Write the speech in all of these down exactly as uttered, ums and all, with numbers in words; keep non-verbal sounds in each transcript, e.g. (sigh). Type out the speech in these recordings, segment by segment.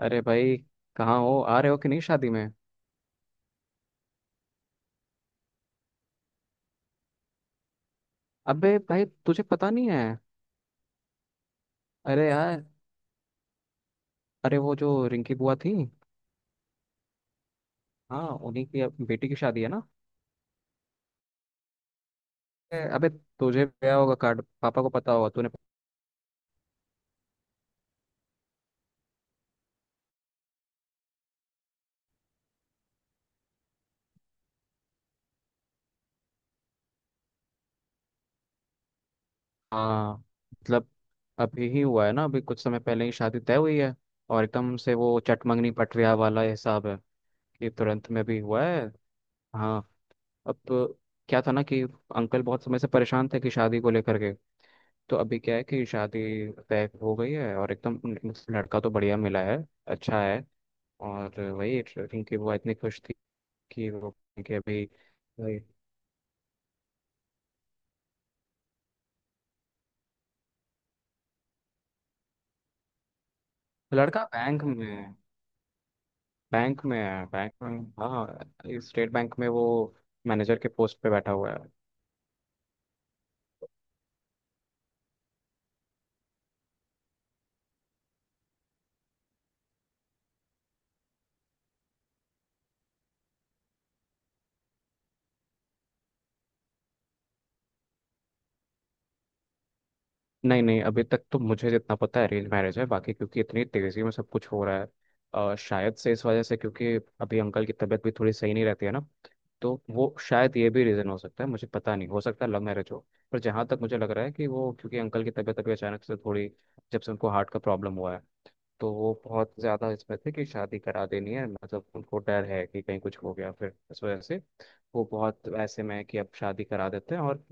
अरे भाई, कहाँ हो? आ रहे हो कि नहीं शादी में? अबे भाई, तुझे पता नहीं है। अरे यार, अरे वो जो रिंकी बुआ थी, हाँ उन्हीं की अब बेटी की शादी है ना। ए, अबे तुझे गया होगा कार्ड, पापा को पता होगा, तूने? हाँ, मतलब अभी ही हुआ है ना, अभी कुछ समय पहले ही शादी तय हुई है। और एकदम से वो चटमंगनी पटरिया वाला हिसाब है कि तुरंत में भी हुआ है। हाँ, अब तो क्या था ना कि अंकल बहुत समय से परेशान थे कि शादी को लेकर के। तो अभी क्या है कि शादी तय हो गई है और एकदम लड़का तो बढ़िया मिला है। अच्छा है। और वही रिंकी बुआ इतनी खुश थी कि वो, कि अभी वही लड़का बैंक में है। बैंक में है बैंक में। हाँ स्टेट बैंक में वो मैनेजर के पोस्ट पे बैठा हुआ है। नहीं नहीं, अभी तक तो मुझे जितना पता है अरेंज मैरिज है, बाकी क्योंकि इतनी तेजी में सब कुछ हो रहा है, अ, शायद से इस वजह से, क्योंकि अभी अंकल की तबीयत भी थोड़ी सही नहीं रहती है ना। तो वो शायद ये भी रीज़न हो सकता है, मुझे पता नहीं, हो सकता है लव मैरिज हो। पर जहाँ तक मुझे लग रहा है कि वो, क्योंकि अंकल की तबीयत अभी अचानक से थोड़ी, जब से उनको हार्ट का प्रॉब्लम हुआ है तो वो बहुत ज़्यादा इसमें थे कि शादी करा देनी है। मतलब उनको डर है कि कहीं कुछ हो गया, फिर इस वजह से वो बहुत ऐसे में है कि अब शादी करा देते हैं। और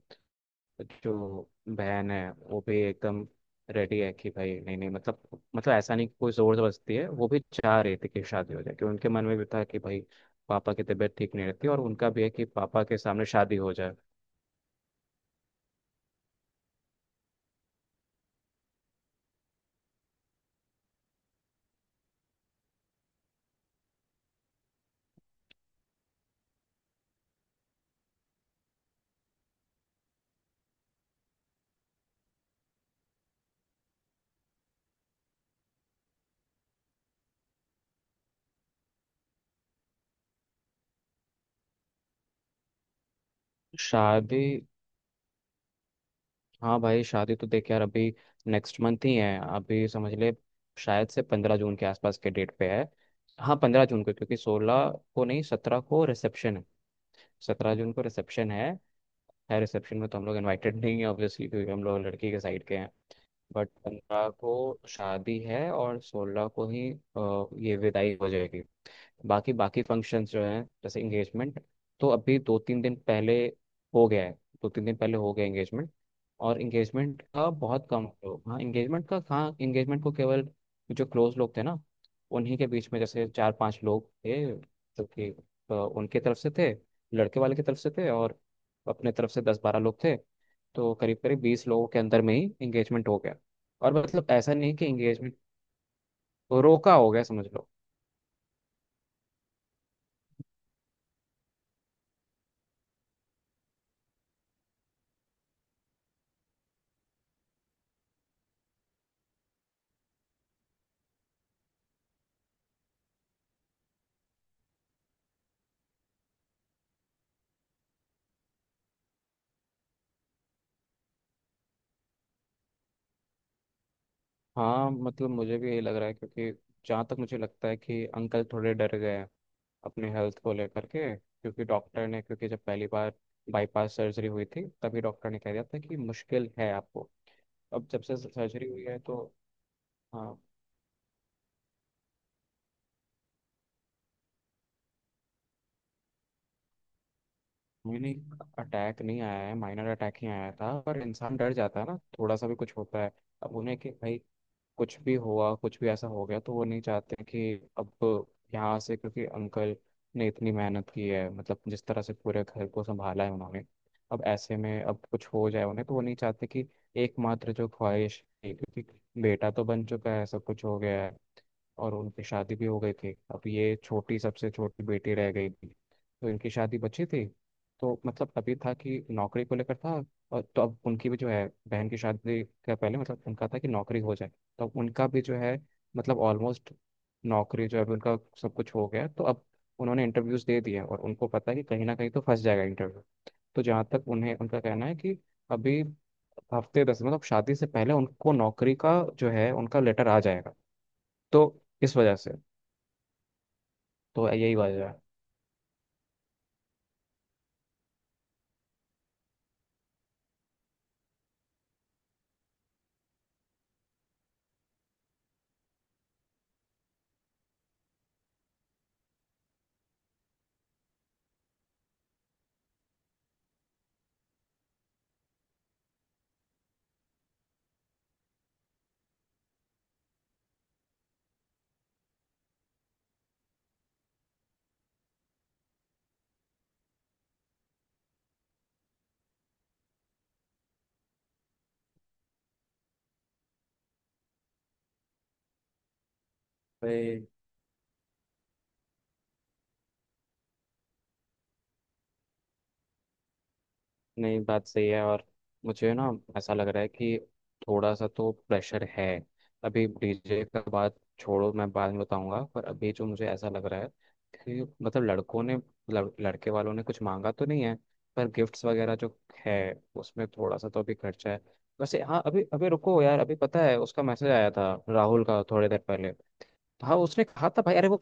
जो बहन है वो भी एकदम रेडी है कि भाई नहीं नहीं, मतलब मतलब ऐसा नहीं कि कोई जोर जबरदस्ती है, वो भी चाह रही थी कि शादी हो जाए, क्योंकि उनके मन में भी था कि भाई पापा की तबीयत ठीक नहीं रहती, और उनका भी है कि पापा के सामने शादी हो जाए। शादी, हाँ भाई शादी तो देख यार, अभी नेक्स्ट मंथ ही है, अभी समझ ले। शायद से पंद्रह जून के आसपास के डेट पे है। हाँ पंद्रह जून को, क्योंकि सोलह को नहीं सत्रह को रिसेप्शन है, सत्रह जून को रिसेप्शन है। है, रिसेप्शन में तो हम लोग इनवाइटेड नहीं है ऑब्वियसली, क्योंकि हम लोग लड़की के साइड के हैं। बट पंद्रह को शादी है और सोलह को ही अ, ये विदाई हो जाएगी। बाकी बाकी फंक्शंस जो हैं, जैसे इंगेजमेंट, तो अभी दो तीन दिन पहले हो गया है। दो तीन दिन पहले हो गया इंगेजमेंट। और इंगेजमेंट का बहुत कम लोग, हाँ इंगेजमेंट का, हाँ इंगेजमेंट को केवल जो क्लोज लोग थे ना उन्हीं के बीच में, जैसे चार पांच लोग थे जो कि अ, उनके तरफ से थे, लड़के वाले की तरफ से थे, और अपने तरफ से दस बारह लोग थे। तो करीब करीब बीस लोगों के अंदर में ही इंगेजमेंट हो गया। और मतलब ऐसा नहीं कि इंगेजमेंट, रोका हो गया समझ लो। हाँ मतलब मुझे भी यही लग रहा है, क्योंकि जहाँ तक मुझे लगता है कि अंकल थोड़े डर गए हैं अपने हेल्थ को लेकर के, क्योंकि डॉक्टर ने, क्योंकि जब पहली बार बाईपास सर्जरी हुई थी तभी डॉक्टर ने कह दिया था कि मुश्किल है आपको। अब जब से सर्जरी हुई है तो, हाँ, मैंने, अटैक नहीं आया है, माइनर अटैक ही आया था पर इंसान डर जाता है ना, थोड़ा सा भी कुछ होता है। अब उन्हें कि भाई कुछ भी हुआ, कुछ भी ऐसा हो गया तो वो नहीं चाहते कि अब यहाँ से, क्योंकि अंकल ने इतनी मेहनत की है, मतलब जिस तरह से पूरे घर को संभाला है उन्होंने, अब ऐसे में अब कुछ हो जाए उन्हें तो वो नहीं चाहते कि, एकमात्र जो ख्वाहिश थी, क्योंकि बेटा तो बन चुका है, सब कुछ हो गया है और उनकी शादी भी हो गई थी, अब ये छोटी, सबसे छोटी बेटी रह गई थी, तो इनकी शादी बची थी। तो मतलब अभी था कि नौकरी को लेकर था, और तो अब उनकी भी जो है बहन की शादी के पहले, मतलब उनका था कि नौकरी हो जाए। तो अब उनका भी जो है, मतलब ऑलमोस्ट नौकरी जो है अभी उनका सब कुछ हो गया, तो अब उन्होंने इंटरव्यूज दे दिए और उनको पता है कि कहीं ना कहीं तो फंस जाएगा इंटरव्यू। तो जहाँ तक उन्हें उनका कहना है कि अभी हफ्ते दस, मतलब शादी से पहले उनको नौकरी का जो है उनका लेटर आ जाएगा। तो इस वजह से, तो यही वजह है भाई। नहीं, बात सही है, और मुझे ना ऐसा लग रहा है कि थोड़ा सा तो प्रेशर है। अभी डीजे का बात छोड़ो, मैं बाद में बताऊंगा, पर अभी जो मुझे ऐसा लग रहा है कि मतलब लड़कों ने, लड़, लड़के वालों ने कुछ मांगा तो नहीं है, पर गिफ्ट्स वगैरह जो है, उसमें थोड़ा सा तो अभी खर्चा है। वैसे हाँ, अभी अभी रुको यार, अभी पता है, उसका मैसेज आया था राहुल का थोड़ी देर पहले। तो हाँ उसने कहा था भाई, अरे वो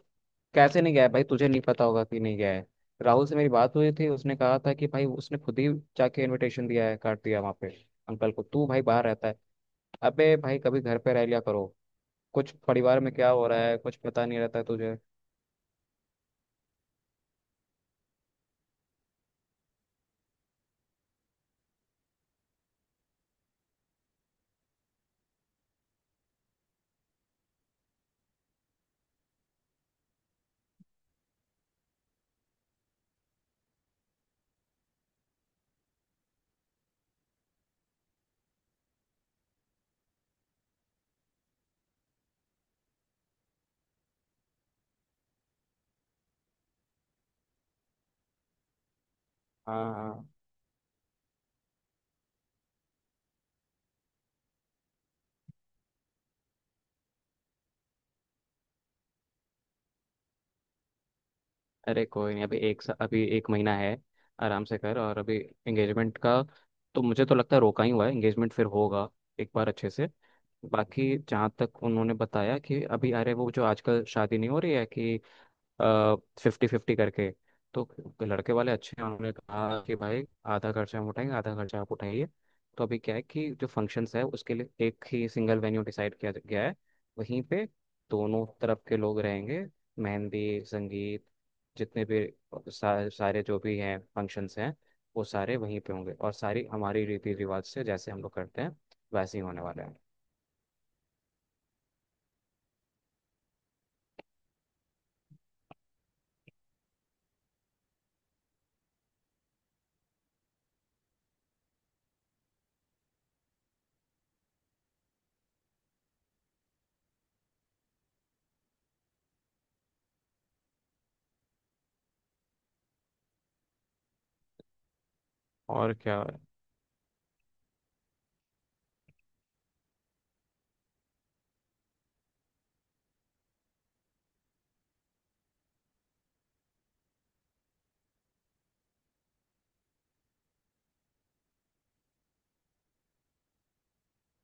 कैसे नहीं गया है भाई? तुझे नहीं पता होगा कि नहीं गया है। राहुल से मेरी बात हुई थी, उसने कहा था कि भाई उसने खुद ही जाके इनविटेशन दिया है, काट दिया वहाँ पे अंकल को। तू भाई बाहर रहता है, अबे भाई कभी घर पे रह लिया करो, कुछ परिवार में क्या हो रहा है कुछ पता नहीं रहता है तुझे। हाँ हाँ, अरे कोई नहीं, अभी एक सा, अभी एक महीना है, आराम से कर। और अभी एंगेजमेंट का तो मुझे तो लगता है रोका ही हुआ है, एंगेजमेंट फिर होगा एक बार अच्छे से। बाकी जहाँ तक उन्होंने बताया कि अभी, अरे वो जो आजकल शादी नहीं हो रही है कि फिफ्टी फिफ्टी करके, तो लड़के वाले अच्छे हैं, उन्होंने कहा कि भाई आधा खर्चा हम उठाएंगे आधा खर्चा आप उठाइए। तो अभी क्या है कि जो फंक्शंस है उसके लिए एक ही सिंगल वेन्यू डिसाइड किया गया है, वहीं पे दोनों तरफ के लोग रहेंगे। मेहंदी, संगीत, जितने भी सा, सारे जो भी हैं फंक्शंस हैं, वो सारे वहीं पे होंगे और सारी हमारी रीति रिवाज से जैसे हम लोग करते हैं वैसे ही होने वाले हैं। और क्या।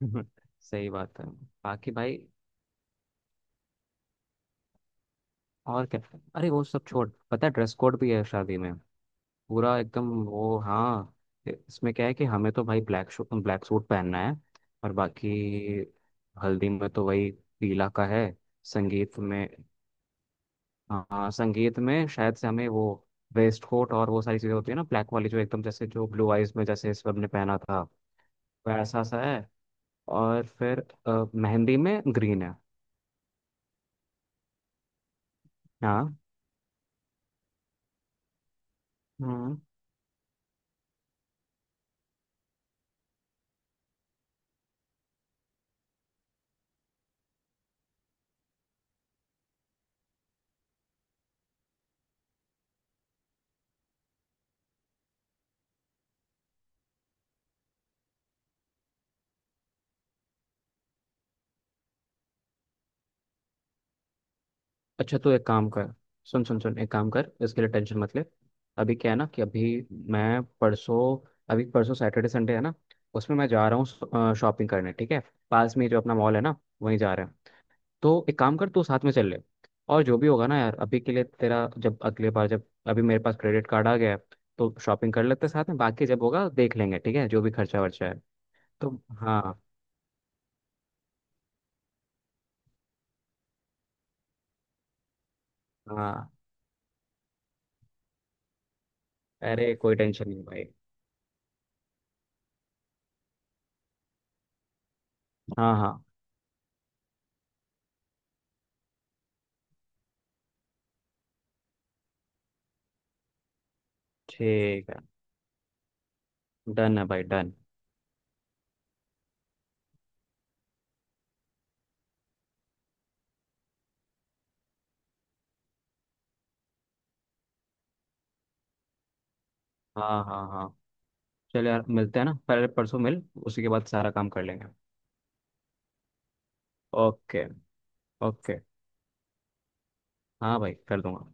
(laughs) सही बात है। बाकी भाई, और क्या, अरे वो सब छोड़, पता है ड्रेस कोड भी है शादी में? पूरा एकदम वो, हाँ। इसमें क्या है कि हमें तो भाई ब्लैक शू ब्लैक सूट पहनना है और बाकी हल्दी में तो वही पीला का है। संगीत में, हाँ संगीत में शायद से हमें वो वेस्ट कोट और वो सारी चीज़ें होती है ना, ब्लैक वाली जो एकदम, जैसे जो ब्लू आइज में जैसे इस सब ने पहना था वैसा सा है। और फिर अ, मेहंदी में ग्रीन है। हाँ, हम्म, अच्छा। तो एक काम कर, सुन सुन सुन, एक काम कर, इसके लिए टेंशन मत ले। अभी क्या है ना कि अभी, मैं परसों, अभी परसों सैटरडे संडे है ना, उसमें मैं जा रहा हूँ शॉपिंग करने, ठीक है? पास में जो अपना मॉल है ना, वहीं जा रहे हैं। तो एक काम कर तू साथ में चल ले। और जो भी होगा ना यार, अभी के लिए तेरा, जब अगले बार, जब अभी मेरे पास क्रेडिट कार्ड आ गया है तो शॉपिंग कर लेते हैं साथ में, बाकी जब होगा देख लेंगे, ठीक है? जो भी खर्चा वर्चा है। तो हाँ हाँ, अरे कोई टेंशन नहीं भाई। हाँ हाँ, ठीक है। डन है भाई डन। हाँ हाँ हाँ, चल यार मिलते हैं ना, पहले परसों मिल, उसी के बाद सारा काम कर लेंगे। ओके, ओके, हाँ भाई कर दूंगा।